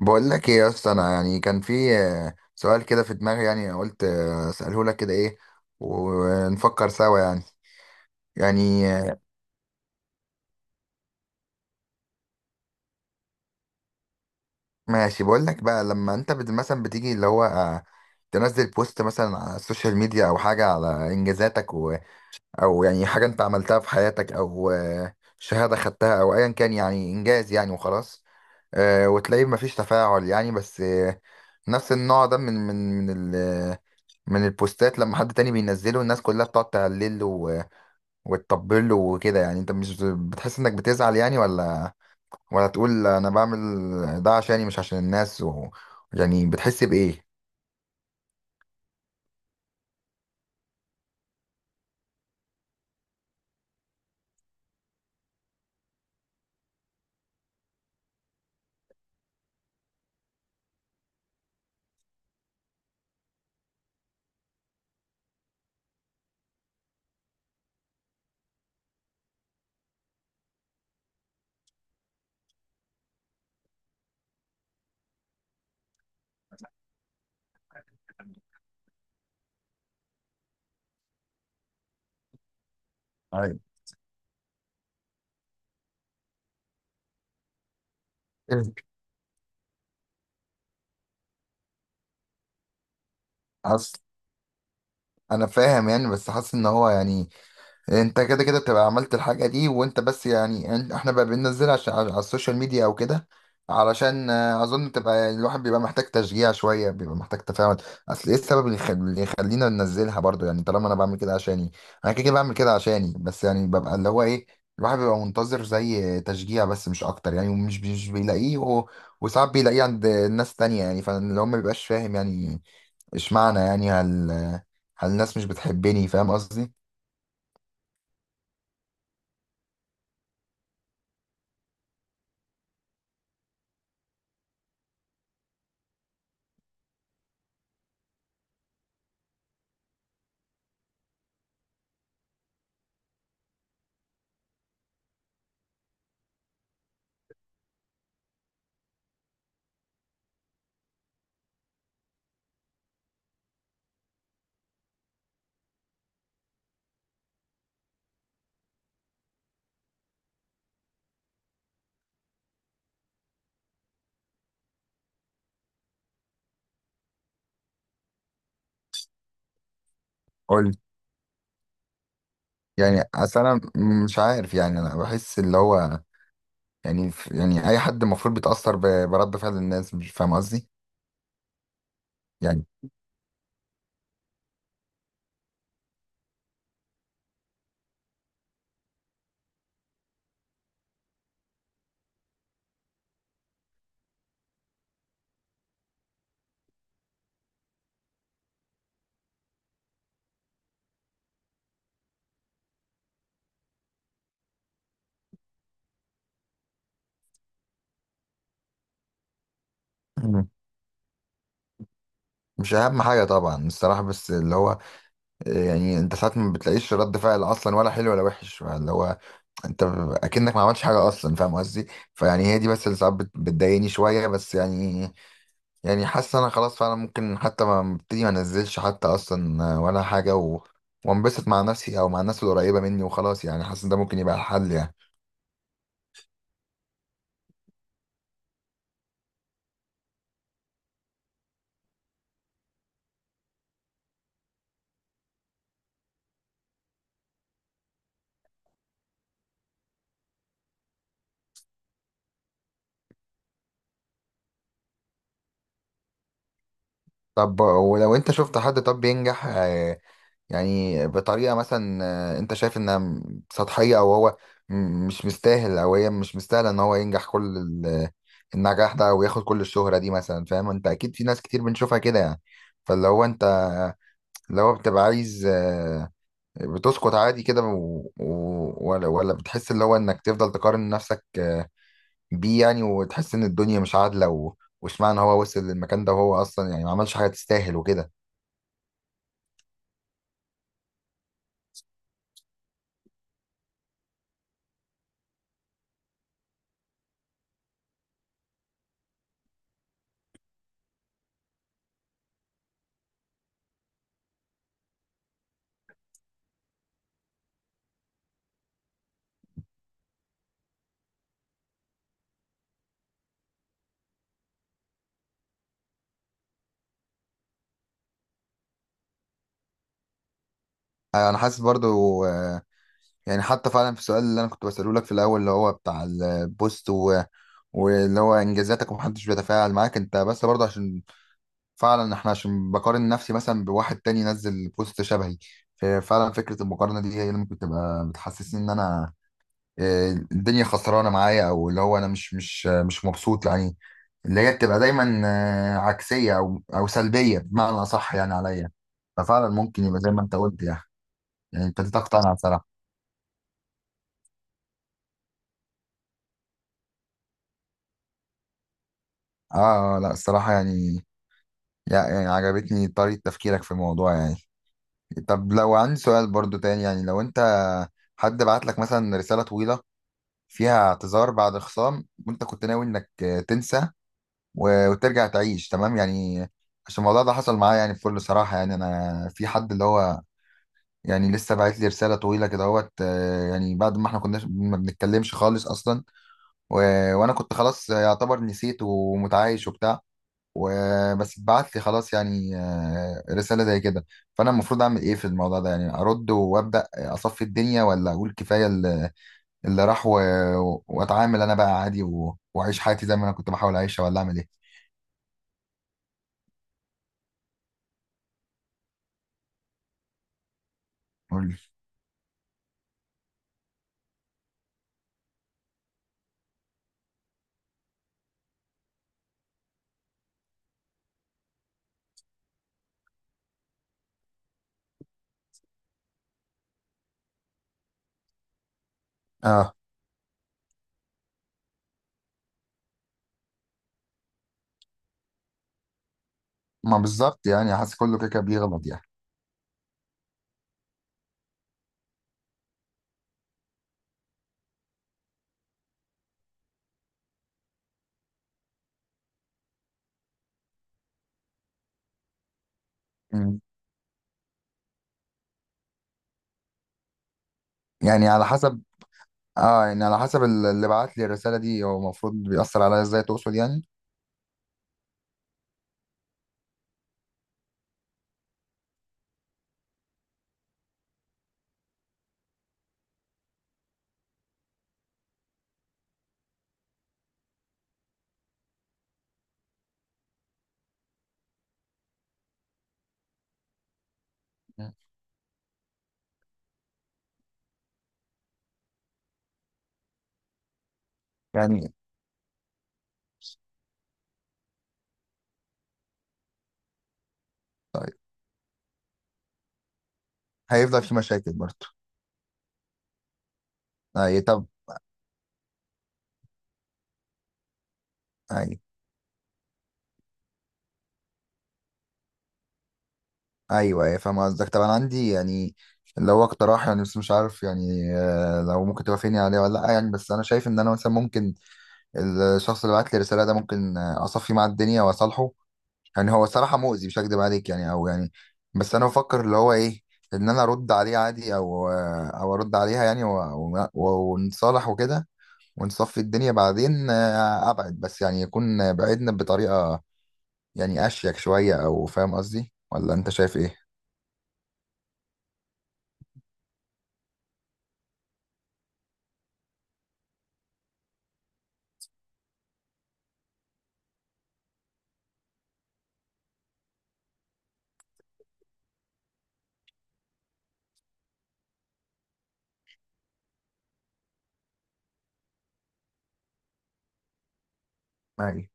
بقول لك ايه يا اسطى، انا يعني كان في سؤال كده في دماغي، يعني قلت اساله لك كده ايه ونفكر سوا يعني. يعني ماشي. بقول لك بقى لما انت مثلا بتيجي اللي هو تنزل بوست مثلا على السوشيال ميديا او حاجه على انجازاتك او يعني حاجه انت عملتها في حياتك او شهاده خدتها او ايا كان يعني انجاز يعني وخلاص. وتلاقيه مفيش تفاعل يعني، بس نفس النوع ده من من البوستات لما حد تاني بينزله الناس كلها بتقعد تهلل له وتطبل له وكده. يعني انت مش بتحس انك بتزعل يعني؟ ولا تقول انا بعمل ده عشاني مش عشان الناس يعني بتحس بإيه؟ ايوه. حصل. انا فاهم يعني، بس حاسس ان هو يعني انت كده كده بتبقى عملت الحاجة دي وانت بس يعني احنا بقى بننزلها عشان على السوشيال ميديا او كده علشان اظن تبقى يعني الواحد بيبقى محتاج تشجيع شوية، بيبقى محتاج تفاعل. اصل ايه السبب اللي يخلينا ننزلها برضو يعني؟ طالما انا بعمل كده عشاني، انا كده كده بعمل كده عشاني، بس يعني ببقى اللي هو ايه، الواحد بيبقى منتظر زي تشجيع بس، مش اكتر يعني، ومش مش بيلاقيه وساعات بيلاقيه عند ناس تانية يعني، فاللي هو ما بيبقاش فاهم يعني اشمعنى. يعني هل الناس مش بتحبني؟ فاهم قصدي؟ قول. يعني اصل انا مش عارف، يعني انا بحس اللي هو يعني يعني اي حد المفروض بيتاثر برد فعل الناس. مش فاهم قصدي؟ يعني. مم. مش اهم حاجه طبعا الصراحه، بس اللي هو يعني انت ساعات ما بتلاقيش رد فعل اصلا، ولا حلو ولا وحش، اللي هو انت اكنك ما عملتش حاجه اصلا. فاهم قصدي؟ فيعني هي دي بس اللي ساعات بتضايقني شويه بس يعني. يعني حاسس انا خلاص، فعلا ممكن حتى ما ابتدي، ما انزلش حتى اصلا ولا حاجه وانبسط مع نفسي او مع الناس القريبه مني وخلاص يعني. حاسس إن ده ممكن يبقى الحل يعني. طب ولو انت شفت حد طب بينجح يعني بطريقة مثلا انت شايف انها سطحية، او هو مش مستاهل، او هي مش مستاهلة ان هو ينجح كل النجاح ده وياخد كل الشهرة دي مثلا. فاهم؟ انت اكيد في ناس كتير بنشوفها كده يعني. فاللي هو انت اللي هو بتبقى عايز بتسقط عادي كده ولا بتحس اللي هو انك تفضل تقارن نفسك بيه يعني، وتحس ان الدنيا مش عادلة واشمعنى هو وصل للمكان ده وهو اصلا يعني ما عملش حاجة تستاهل وكده. أيوة، انا حاسس برضو يعني حتى فعلا في السؤال اللي انا كنت بسأله لك في الاول، اللي هو بتاع البوست واللي هو انجازاتك ومحدش بيتفاعل معاك انت، بس برضو عشان فعلا احنا، عشان بقارن نفسي مثلا بواحد تاني نزل بوست شبهي. ففعلا فكرة المقارنة دي هي اللي ممكن تبقى بتحسسني ان انا الدنيا خسرانة معايا، او اللي هو انا مش مبسوط يعني، اللي هي بتبقى دايما عكسية او سلبية بمعنى اصح يعني عليا. ففعلا ممكن يبقى زي ما انت قلت يعني. يعني ابتديت اقتنع بصراحة. اه لا، الصراحة يعني يعني عجبتني طريقة تفكيرك في الموضوع يعني. طب لو عندي سؤال برضو تاني يعني، لو انت حد بعت لك مثلا رسالة طويلة فيها اعتذار بعد خصام، وانت كنت ناوي انك تنسى وترجع تعيش تمام يعني. عشان الموضوع ده حصل معايا يعني، بكل صراحة يعني، انا في حد اللي هو يعني لسه بعت لي رسالة طويلة كده اهوت يعني بعد ما احنا كنا ما بنتكلمش خالص اصلا و... وانا كنت خلاص يعتبر نسيت ومتعايش وبتاع. وبس ابعت لي خلاص يعني رسالة زي كده. فأنا المفروض أعمل إيه في الموضوع ده يعني؟ أرد وأبدأ أصفي الدنيا، ولا أقول كفاية اللي راح وأتعامل أنا بقى عادي وأعيش حياتي زي ما أنا كنت بحاول أعيشها، ولا أعمل إيه؟ قول لي. آه. ما بالظبط يعني، حاسس كله كده كده بيغلط يعني. مم. يعني على حسب. يعني على حسب اللي بعت لي الرسالة دي، هو المفروض بيأثر عليا إزاي تقصد يعني؟ مم. يعني هيفضل في مشاكل برضه. أي. طب. أي. ايوه ايوه، فاهم قصدك. طب انا عندي يعني لو اقتراح يعني، بس مش عارف يعني لو ممكن توافقني عليه ولا لا يعني. بس انا شايف ان انا مثلا ممكن الشخص اللي بعت لي الرساله ده، ممكن اصفي مع الدنيا واصالحه. يعني هو صراحه مؤذي، مش هكدب عليك يعني، او يعني بس انا بفكر اللي هو ايه، ان انا ارد عليه عادي، او او ارد عليها يعني ونتصالح وكده، ونصفي الدنيا بعدين ابعد. بس يعني يكون بعدنا بطريقه يعني اشيك شويه، او فاهم قصدي؟ ولا انت شايف ايه؟ أيوة.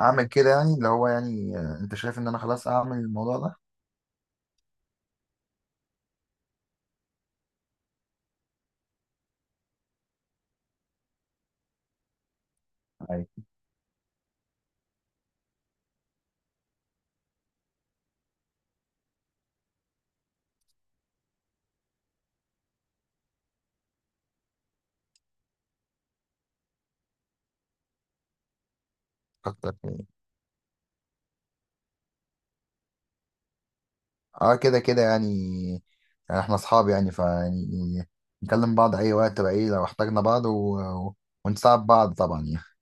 اعمل كده يعني اللي هو يعني انت شايف ان انا خلاص اعمل الموضوع ده؟ عادي. كتر خير. اه كده كده يعني، يعني احنا اصحاب يعني، فيعني نكلم بعض اي وقت بقى ايه لو احتاجنا بعض و- ونساعد بعض طبعا يعني.